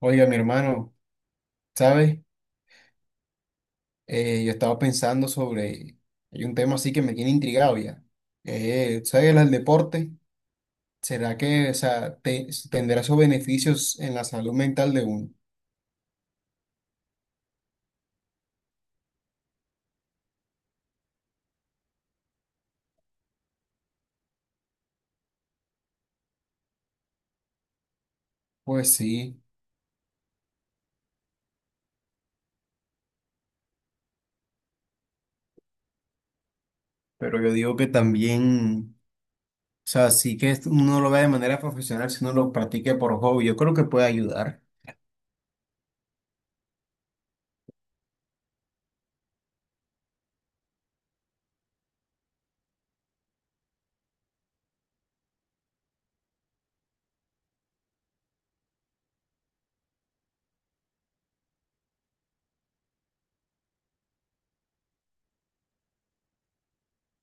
Oiga, mi hermano, ¿sabes? Yo estaba pensando hay un tema así que me tiene intrigado ya. ¿Sabes? El deporte, ¿será que, o sea, tendrá sus beneficios en la salud mental de uno? Pues sí, pero yo digo que también, o sea, sí que esto uno lo vea de manera profesional, si uno lo practique por hobby, yo creo que puede ayudar.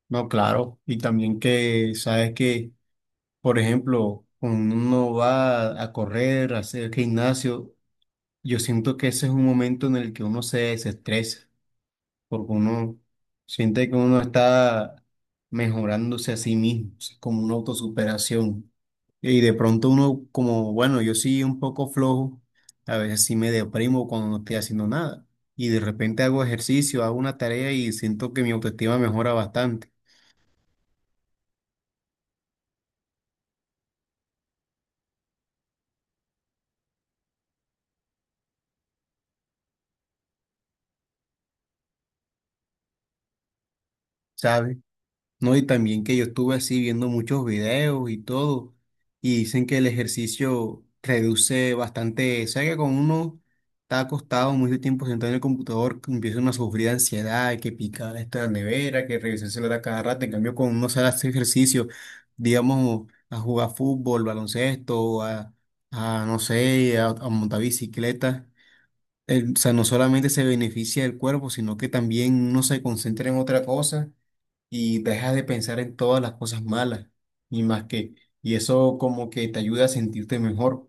No, claro, y también que, ¿sabes que por ejemplo, cuando uno va a correr, a hacer gimnasio, yo siento que ese es un momento en el que uno se desestresa, porque uno siente que uno está mejorándose a sí mismo, o sea, como una autosuperación? Y de pronto uno, como, bueno, yo sí un poco flojo, a veces sí me deprimo cuando no estoy haciendo nada. Y de repente hago ejercicio, hago una tarea y siento que mi autoestima mejora bastante, ¿sabes? No, y también que yo estuve así viendo muchos videos y todo, y dicen que el ejercicio reduce bastante, o sea que con uno está acostado mucho tiempo sentado en el computador, que empieza uno a sufrir de ansiedad, que picar esta la nevera, que revisar el celular a cada rato, en cambio con uno sale a hacer ejercicio, digamos, a jugar fútbol, baloncesto, a no sé, a montar bicicleta o sea, no solamente se beneficia el cuerpo, sino que también uno se concentra en otra cosa y deja de pensar en todas las cosas malas y más que, y eso como que te ayuda a sentirte mejor.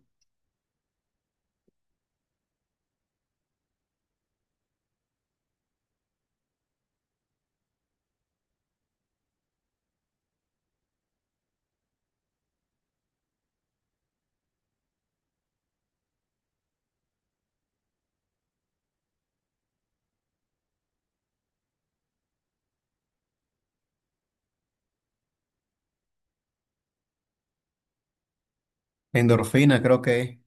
Endorfina, creo que es.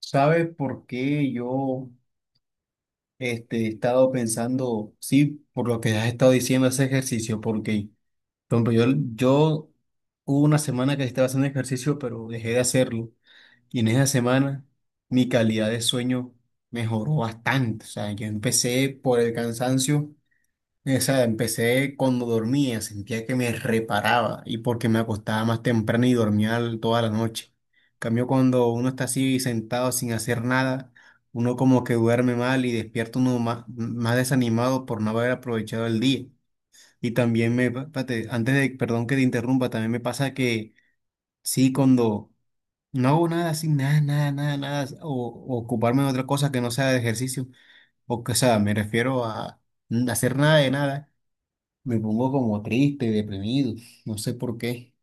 ¿Sabes por qué yo este, he estado pensando, sí, por lo que has estado diciendo ese ejercicio? Porque, por ejemplo, yo hubo una semana que estaba haciendo ejercicio, pero dejé de hacerlo. Y en esa semana mi calidad de sueño mejoró bastante. O sea, yo empecé por el cansancio, o sea, empecé cuando dormía, sentía que me reparaba y porque me acostaba más temprano y dormía toda la noche. En cambio, cuando uno está así sentado sin hacer nada, uno como que duerme mal y despierta uno más, más desanimado por no haber aprovechado el día. Y también antes de, perdón que te interrumpa, también me pasa que sí, cuando... No, nada así, nada. O ocuparme en otra cosa que no sea de ejercicio. O que, o sea, me refiero a hacer nada de nada. Me pongo como triste, deprimido. No sé por qué.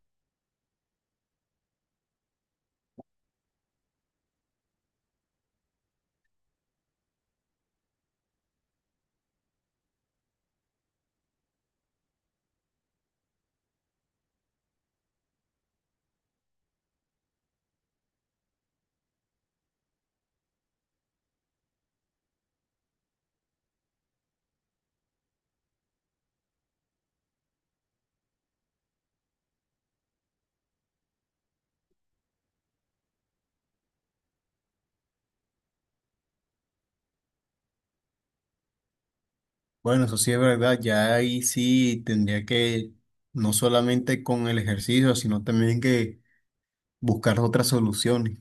Bueno, eso sí es verdad. Ya ahí sí tendría que, no solamente con el ejercicio, sino también que buscar otras soluciones.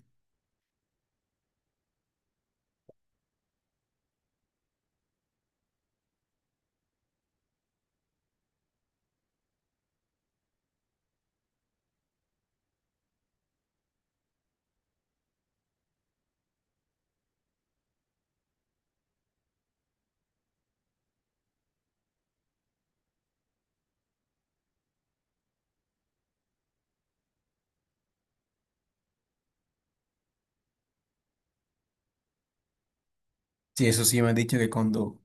Sí, eso sí me han dicho que cuando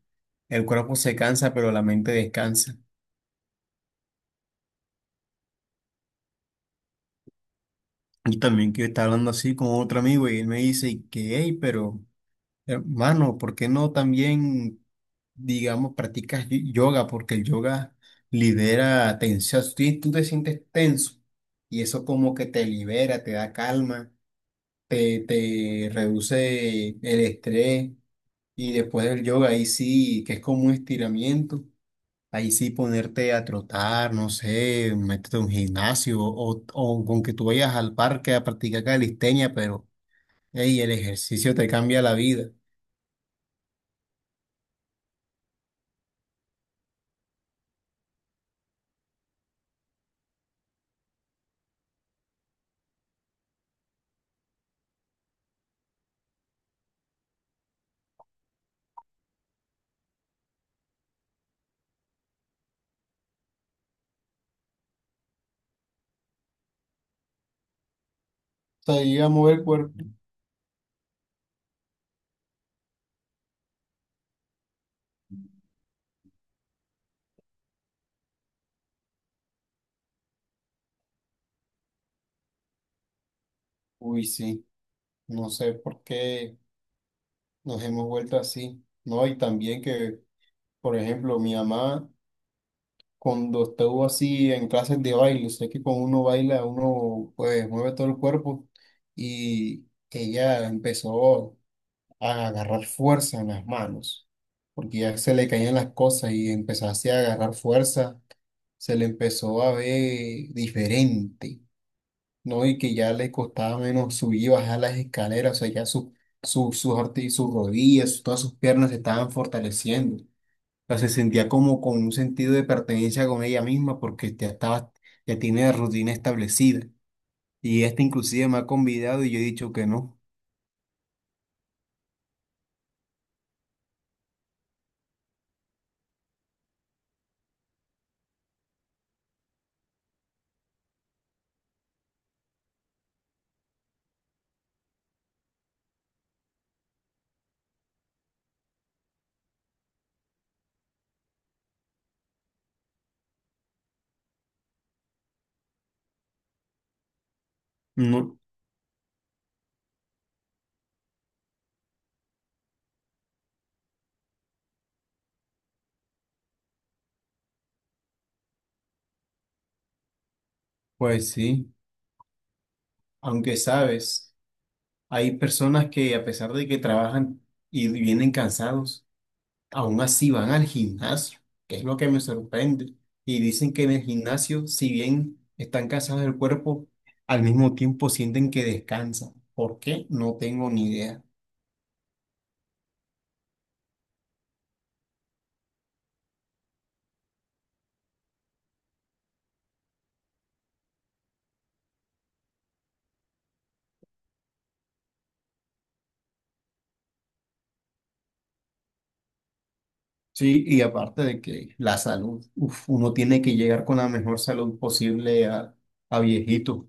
el cuerpo se cansa, pero la mente descansa. Y también que yo estaba hablando así con otro amigo y él me dice que, hey, pero hermano, ¿por qué no también, digamos, practicas yoga? Porque el yoga libera tensión. Si tú te sientes tenso y eso como que te libera, te da calma, te reduce el estrés. Y después del yoga, ahí sí, que es como un estiramiento, ahí sí ponerte a trotar, no sé, métete a un gimnasio o con que tú vayas al parque a practicar calistenia, pero hey, el ejercicio te cambia la vida. O sea, a mover el cuerpo. Uy, sí, no sé por qué nos hemos vuelto así, ¿no? Y también que, por ejemplo, mi mamá, cuando estuvo así en clases de baile, sé que cuando uno baila, uno pues mueve todo el cuerpo y ella empezó a agarrar fuerza en las manos, porque ya se le caían las cosas y empezó así a agarrar fuerza, se le empezó a ver diferente. No, y que ya le costaba menos subir y bajar las escaleras, o sea, ya su, sus sus rodillas, todas sus piernas se estaban fortaleciendo. O sea, se sentía como con un sentido de pertenencia con ella misma porque ya estaba, ya tiene la rutina establecida. Y esta inclusive me ha convidado y yo he dicho que no. No, pues sí, aunque sabes, hay personas que a pesar de que trabajan y vienen cansados, aún así van al gimnasio, que es lo que me sorprende. Y dicen que en el gimnasio, si bien están cansados del cuerpo, al mismo tiempo sienten que descansan. ¿Por qué? No tengo ni idea. Sí, y aparte de que la salud, uf, uno tiene que llegar con la mejor salud posible a viejito.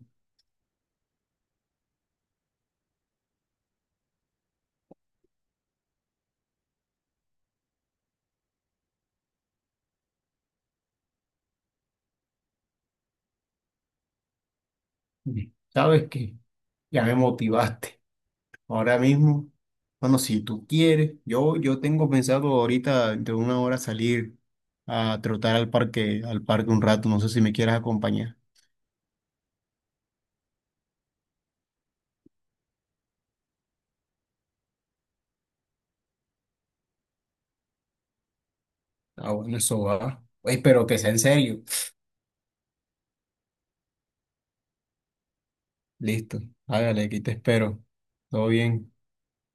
¿Sabes qué? Ya me motivaste. Ahora mismo, bueno, si tú quieres, yo tengo pensado ahorita de una hora salir a trotar al parque un rato. No sé si me quieras acompañar. Ah, bueno, eso va. Oye, pero que sea en serio. Listo, hágale, aquí te espero. Todo bien.